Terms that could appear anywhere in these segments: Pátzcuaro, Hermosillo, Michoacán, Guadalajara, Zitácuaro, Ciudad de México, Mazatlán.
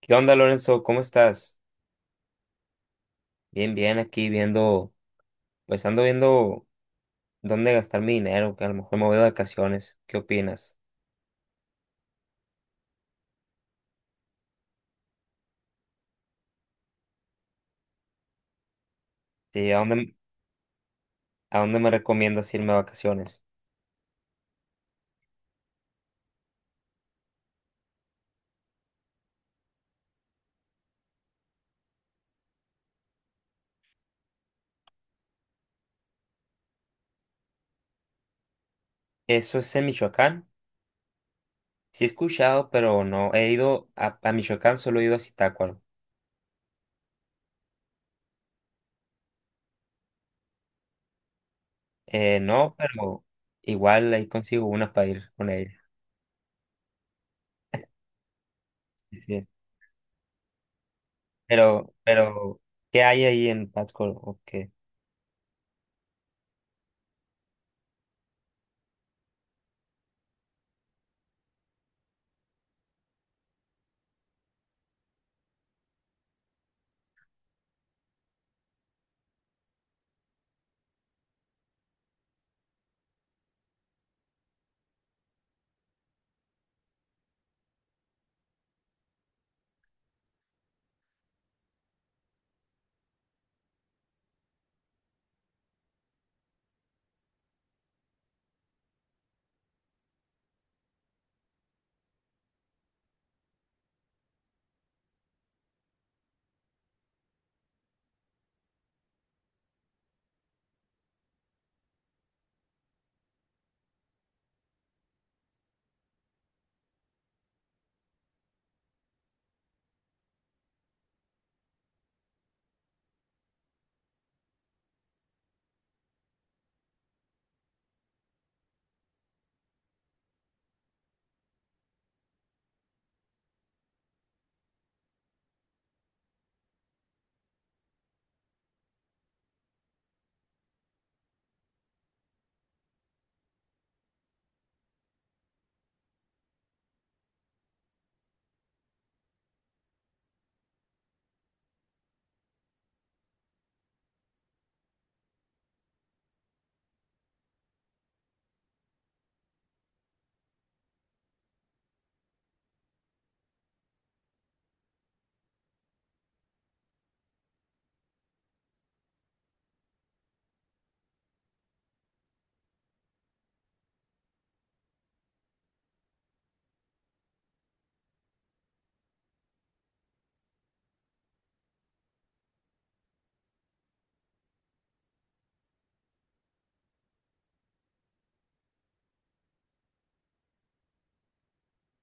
¿Qué onda, Lorenzo? ¿Cómo estás? Bien, bien, aquí viendo, pues ando viendo dónde gastar mi dinero, que a lo mejor me voy de vacaciones. ¿Qué opinas? Sí, ¿a dónde me recomiendas irme a vacaciones? ¿Eso es en Michoacán? Sí he escuchado, pero no, he ido a Michoacán, solo he ido a Zitácuaro. No, pero igual ahí consigo una para ir con ella. Sí, sí. Pero, ¿qué hay ahí en Pátzcuaro? ¿O qué?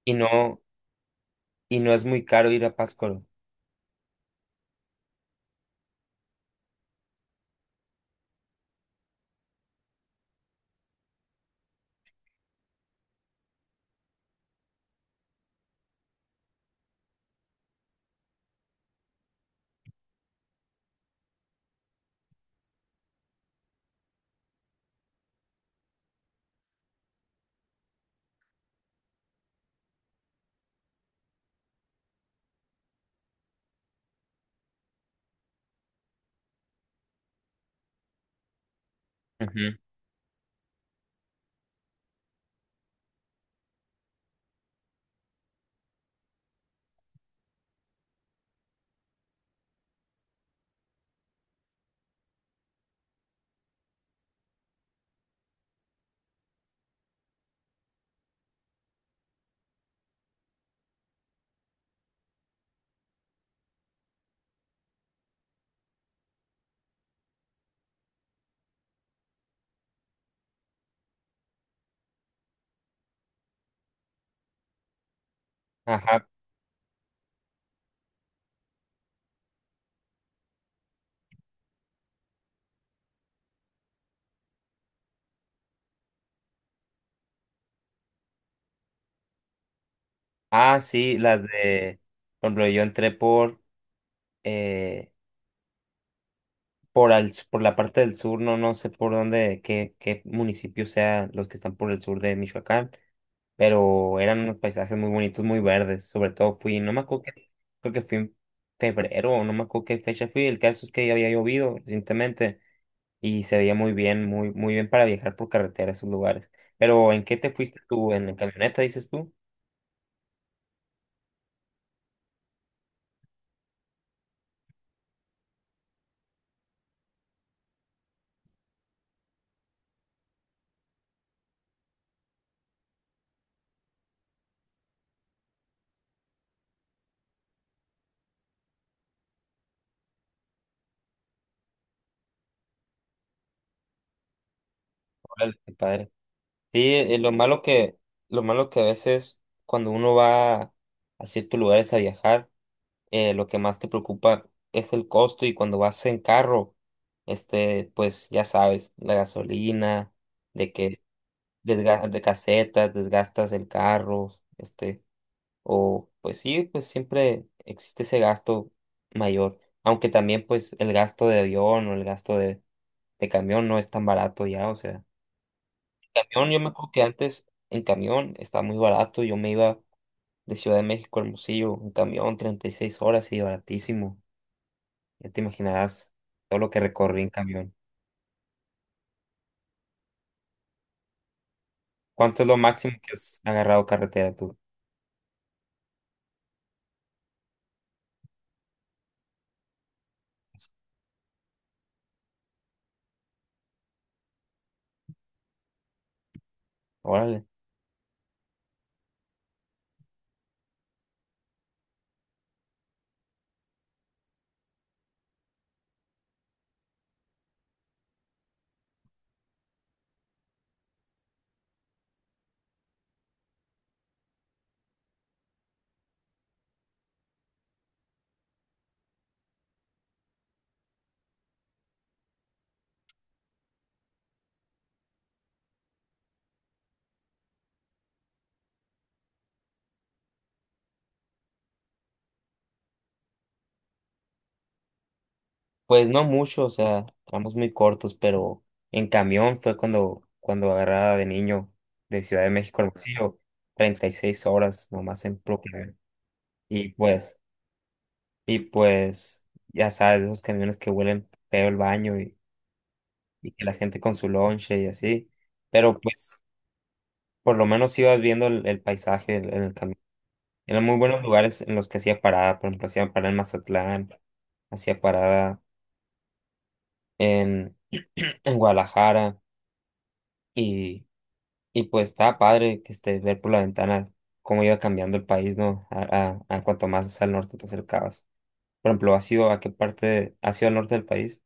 Y no, y no es muy caro ir a Pátzcuaro. Ujú. Ajá. Ah, sí, por ejemplo, eh, por la parte del sur, no, no sé por dónde, qué municipios sean los que están por el sur de Michoacán, pero eran unos paisajes muy bonitos, muy verdes, sobre todo fui, no me acuerdo que, creo que fui en febrero, o no me acuerdo qué fecha fui, el caso es que ya había llovido recientemente y se veía muy bien, muy bien para viajar por carretera a esos lugares. Pero, ¿en qué te fuiste tú? ¿En la camioneta, dices tú? Órale, qué padre. Sí, lo malo que a veces cuando uno va a ciertos lugares a viajar, lo que más te preocupa es el costo y cuando vas en carro, este, pues ya sabes, la gasolina, de que de casetas, desgastas el carro, este, o pues sí, pues siempre existe ese gasto mayor, aunque también pues el gasto de avión o el gasto de camión no es tan barato ya, o sea camión, yo me acuerdo que antes en camión estaba muy barato. Yo me iba de Ciudad de México a Hermosillo en camión, 36 horas y baratísimo. Ya te imaginarás todo lo que recorrí en camión. ¿Cuánto es lo máximo que has agarrado carretera tú? Órale. Pues no mucho, o sea, tramos muy cortos, pero en camión fue cuando agarraba de niño de Ciudad de México a Hermosillo, 36 horas nomás en puro camión. Y pues, y pues, ya sabes, esos camiones que huelen feo el baño y que la gente con su lonche y así. Pero pues por lo menos ibas viendo el paisaje en el camino. Eran muy buenos lugares en los que hacía parada, por ejemplo, hacía parada en Mazatlán, hacía parada en, en Guadalajara y, y pues estaba padre que este, ver por la ventana cómo iba cambiando el país, ¿no? A cuanto más al norte te acercabas. Por ejemplo, ¿has ido a qué parte, ¿has ido al norte del país?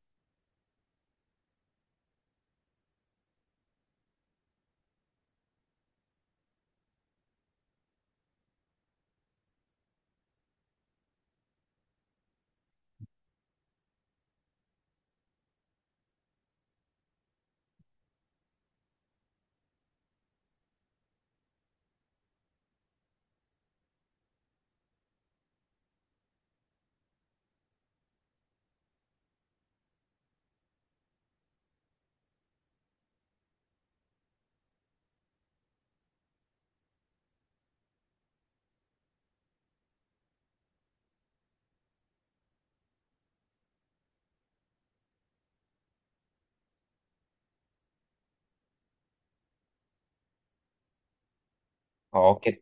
Oh, qué,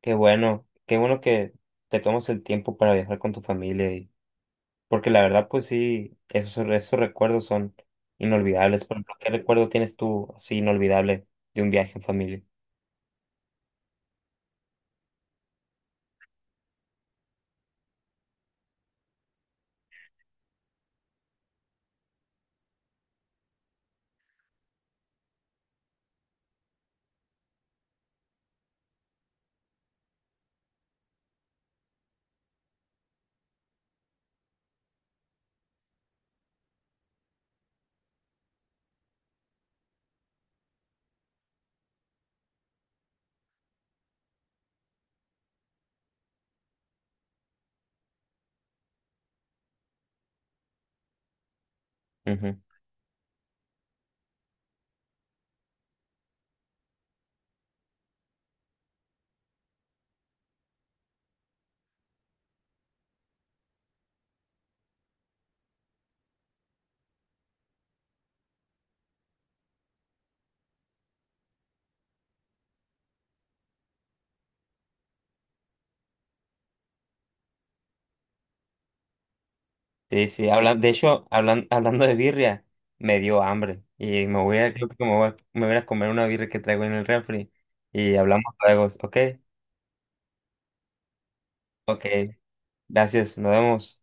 Qué bueno, qué bueno que te tomas el tiempo para viajar con tu familia. Porque la verdad, pues sí, esos recuerdos son inolvidables. Por ejemplo, ¿qué recuerdo tienes tú así inolvidable de un viaje en familia? Ujú. Sí, sí, hablan, de hecho, hablan, hablando de birria, me dio hambre y creo que me voy a comer una birria que traigo en el refri y hablamos luego, ¿ok? Ok, gracias, nos vemos.